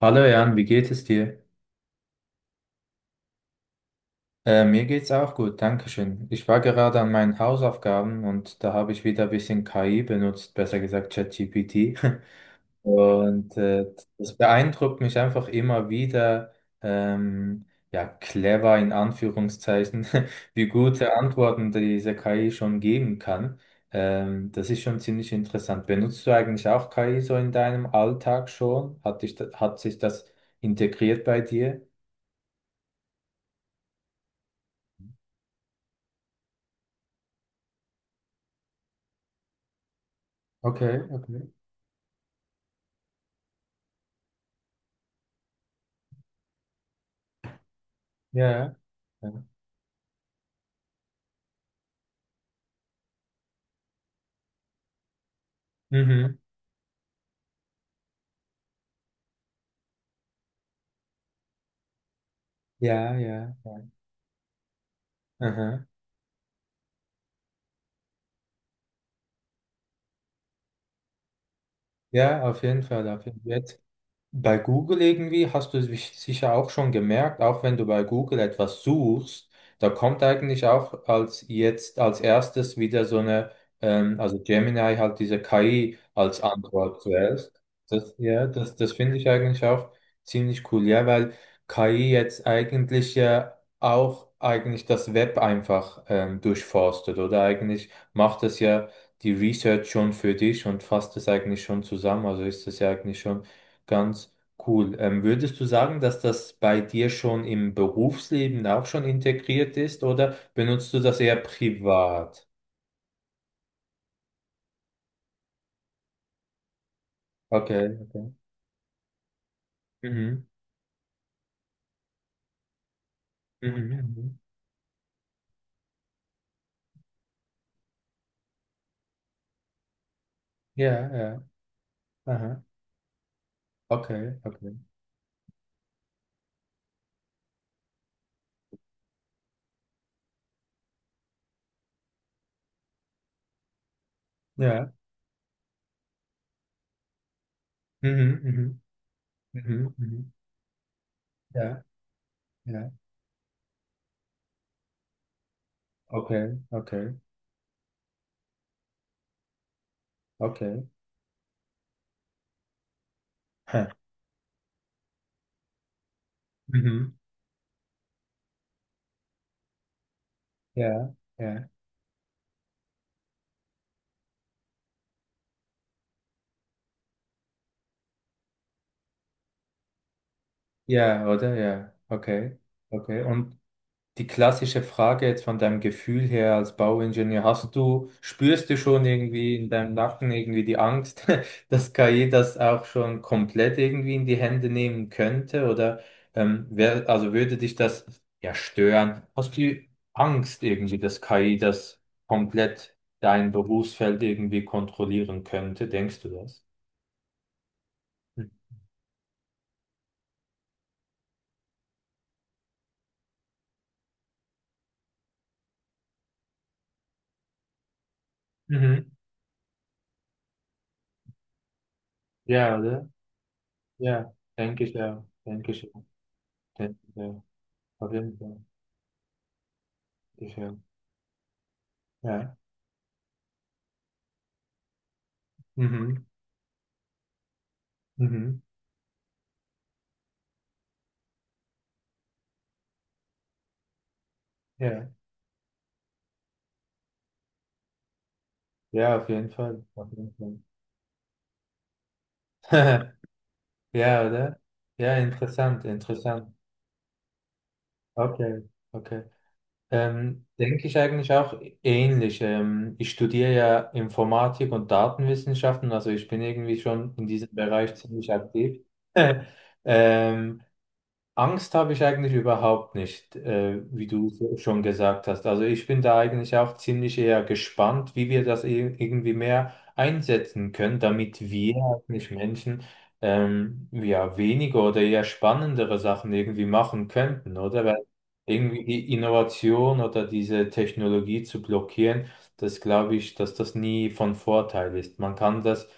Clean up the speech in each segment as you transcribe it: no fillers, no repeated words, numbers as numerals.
Hallo Jan, wie geht es dir? Mir geht's auch gut, Dankeschön. Ich war gerade an meinen Hausaufgaben und da habe ich wieder ein bisschen KI benutzt, besser gesagt ChatGPT. Und äh, Das beeindruckt mich einfach immer wieder, ähm, ja, clever in Anführungszeichen, wie gute Antworten diese KI schon geben kann. Das ist schon ziemlich interessant. Benutzt du eigentlich auch KI so in deinem Alltag schon? Hat dich, hat sich das integriert bei dir? Okay, okay. Ja, ja. Mhm. Ja, ja. Aha. Ja, auf jeden Fall. Auf jeden Fall. Bei Google irgendwie hast du es sicher auch schon gemerkt, auch wenn du bei Google etwas suchst, da kommt eigentlich auch als jetzt als erstes wieder so eine, also Gemini halt diese KI als Antwort zuerst. Das, das finde ich eigentlich auch ziemlich cool, ja, weil KI jetzt eigentlich ja auch eigentlich das Web einfach durchforstet, oder eigentlich macht es ja die Research schon für dich und fasst es eigentlich schon zusammen, also ist es ja eigentlich schon ganz cool. Würdest du sagen, dass das bei dir schon im Berufsleben auch schon integriert ist oder benutzt du das eher privat? Okay, okay. Mhm. Mhm. Mhm. Mhm. Ja, ja. Aha. Okay, okay. Ja. Mhm, mhm. Mhm. Mhm. Mhm. Ja, ja. Okay, okay, okay. Hä. Mhm. Ja, ja. Ja, oder? Ja. Okay. Okay. Und die klassische Frage jetzt von deinem Gefühl her als Bauingenieur, hast du, spürst du schon irgendwie in deinem Nacken irgendwie die Angst, dass KI das auch schon komplett irgendwie in die Hände nehmen könnte? Oder also würde dich das ja stören? Hast du Angst irgendwie, dass KI das komplett dein Berufsfeld irgendwie kontrollieren könnte? Denkst du das? Mhm. Ja, oder? Ja, denke ich ja. Denke ich ja. Denke ich ja. Auf jeden Fall. Ich, ja. Ja. Mhm. Mhm. Ja. Ja, auf jeden Fall. Auf jeden Fall. Ja, oder? Ja, interessant, interessant. Okay, okay. Denke ich eigentlich auch ähnlich. Ich studiere ja Informatik und Datenwissenschaften, also ich bin irgendwie schon in diesem Bereich ziemlich aktiv. Ähm, Angst habe ich eigentlich überhaupt nicht, wie du schon gesagt hast. Also ich bin da eigentlich auch ziemlich eher gespannt, wie wir das irgendwie mehr einsetzen können, damit wir halt nicht Menschen, ja, weniger oder eher spannendere Sachen irgendwie machen könnten, oder? Weil irgendwie die Innovation oder diese Technologie zu blockieren, das glaube ich, dass das nie von Vorteil ist. Man kann das,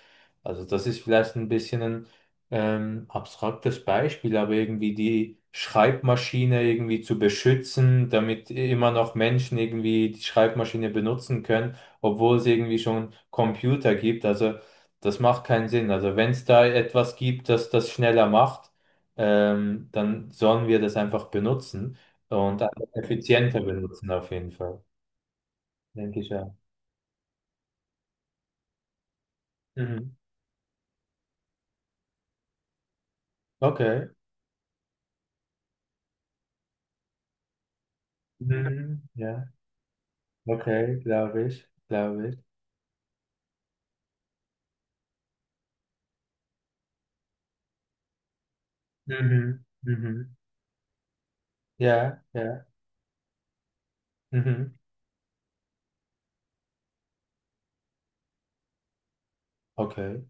also das ist vielleicht ein bisschen ein abstraktes Beispiel, aber irgendwie die Schreibmaschine irgendwie zu beschützen, damit immer noch Menschen irgendwie die Schreibmaschine benutzen können, obwohl es irgendwie schon Computer gibt. Also das macht keinen Sinn. Also wenn es da etwas gibt, das das schneller macht, dann sollen wir das einfach benutzen und einfach effizienter benutzen auf jeden Fall, denke ich ja. Mhm. Okay. Mhm. Ja, okay, glaube ich, glaube ich. Mhm. Mhm. Ja, ja, mhm, okay.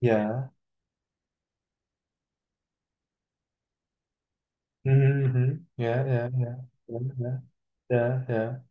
Ja, mhm, mhm, ja, ja, ja, ja, ja, ja, ja.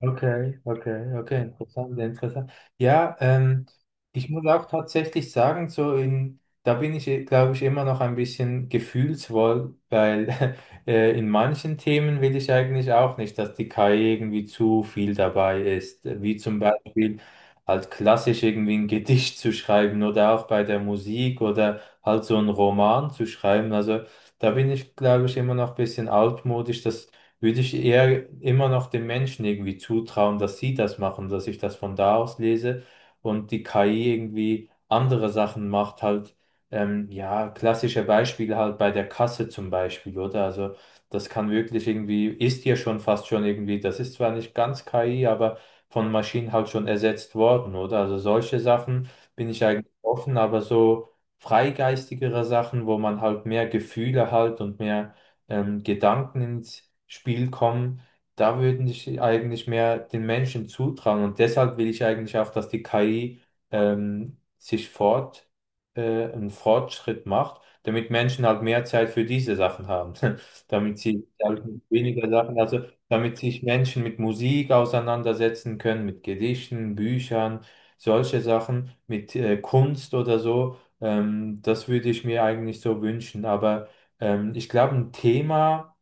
Okay, okay, okay, interessant, sehr interessant. Ja, ich muss auch tatsächlich sagen, so in, da bin ich, glaube ich, immer noch ein bisschen gefühlsvoll, weil in manchen Themen will ich eigentlich auch nicht, dass die KI irgendwie zu viel dabei ist, wie zum Beispiel halt klassisch irgendwie ein Gedicht zu schreiben oder auch bei der Musik oder halt so einen Roman zu schreiben. Also da bin ich, glaube ich, immer noch ein bisschen altmodisch, dass würde ich eher immer noch den Menschen irgendwie zutrauen, dass sie das machen, dass ich das von da aus lese und die KI irgendwie andere Sachen macht, halt, ja, klassische Beispiele halt bei der Kasse zum Beispiel, oder? Also das kann wirklich irgendwie, ist ja schon fast schon irgendwie, das ist zwar nicht ganz KI, aber von Maschinen halt schon ersetzt worden, oder? Also solche Sachen bin ich eigentlich offen, aber so freigeistigere Sachen, wo man halt mehr Gefühle halt und mehr Gedanken ins Spiel kommen, da würde ich eigentlich mehr den Menschen zutrauen. Und deshalb will ich eigentlich auch, dass die KI ähm, sich fort, einen Fortschritt macht, damit Menschen halt mehr Zeit für diese Sachen haben. Damit sie damit mit weniger Sachen, also damit sich Menschen mit Musik auseinandersetzen können, mit Gedichten, Büchern, solche Sachen, mit Kunst oder so. Das würde ich mir eigentlich so wünschen. Aber ich glaube, ein Thema,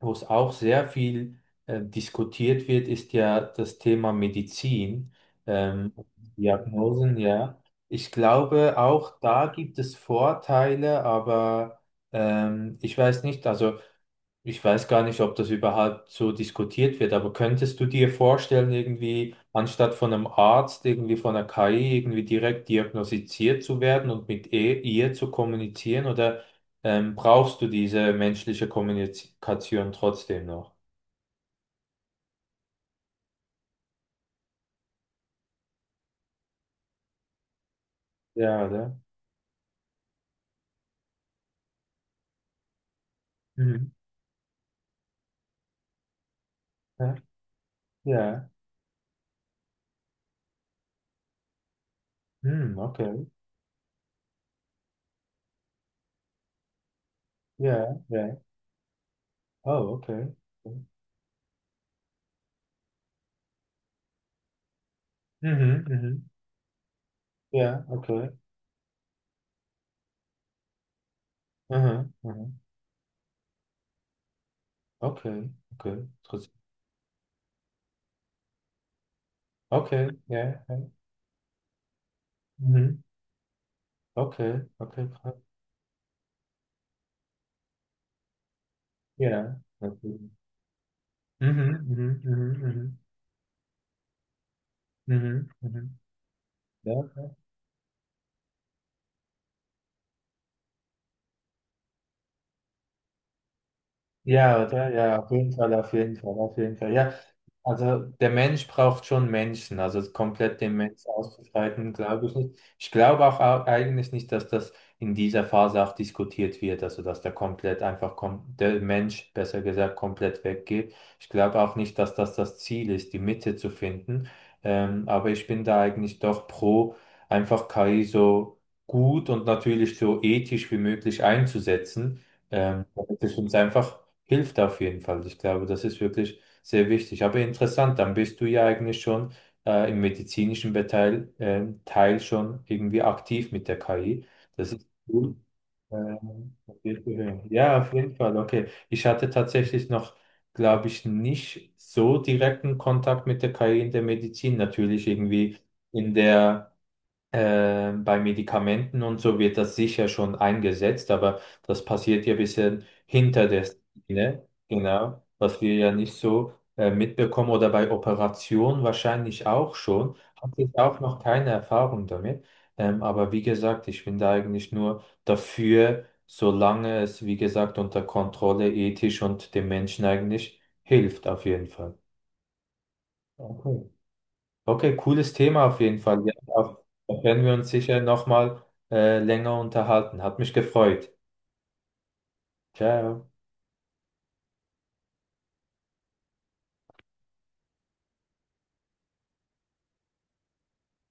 wo es auch sehr viel diskutiert wird, ist ja das Thema Medizin, ähm, Diagnosen, ja. Ich glaube, auch da gibt es Vorteile, aber ich weiß nicht, also ich weiß gar nicht, ob das überhaupt so diskutiert wird, aber könntest du dir vorstellen, irgendwie anstatt von einem Arzt, irgendwie von einer KI, irgendwie direkt diagnostiziert zu werden und mit ihr zu kommunizieren oder brauchst du diese menschliche Kommunikation trotzdem noch. Ja, oder? Mhm. Ja, ja. Hm, okay. Ja, ja. Oh, okay. Mhm, mhm. Ja, okay. Mhm, mhm. Okay, okay. Trotz- Okay, ja, ja. Mhm. Okay, okay, krass. Ja, natürlich. Mhm, mhm, mhm, mhm, mhm, mhm. Mhm. Ja. Ja, oder? Ja, auf jeden Fall, auf jeden Fall, auf jeden Fall. Ja, also der Mensch braucht schon Menschen, also komplett den Mensch auszubreiten, glaube ich nicht. Ich glaube auch eigentlich nicht, dass das in dieser Phase auch diskutiert wird, also dass der komplett einfach kom der Mensch, besser gesagt, komplett weggeht. Ich glaube auch nicht, dass das das Ziel ist, die Mitte zu finden. Aber ich bin da eigentlich doch pro, einfach KI so gut und natürlich so ethisch wie möglich einzusetzen. Damit es uns einfach hilft auf jeden Fall. Ich glaube, das ist wirklich sehr wichtig. Aber interessant, dann bist du ja eigentlich schon im medizinischen Teil schon irgendwie aktiv mit der KI. Das ist cool. Das wird zu hören. Ja, auf jeden Fall. Okay. Ich hatte tatsächlich noch, glaube ich, nicht so direkten Kontakt mit der KI in der Medizin. Natürlich irgendwie in der bei Medikamenten und so wird das sicher schon eingesetzt, aber das passiert ja ein bisschen hinter der Szene, genau, was wir ja nicht so mitbekommen oder bei Operationen wahrscheinlich auch schon. Habe ich auch noch keine Erfahrung damit. Aber wie gesagt, ich bin da eigentlich nur dafür, solange es, wie gesagt, unter Kontrolle ethisch und dem Menschen eigentlich hilft, auf jeden Fall. Okay. Okay, cooles Thema auf jeden Fall. Ja, da werden wir uns sicher nochmal länger unterhalten. Hat mich gefreut. Ciao.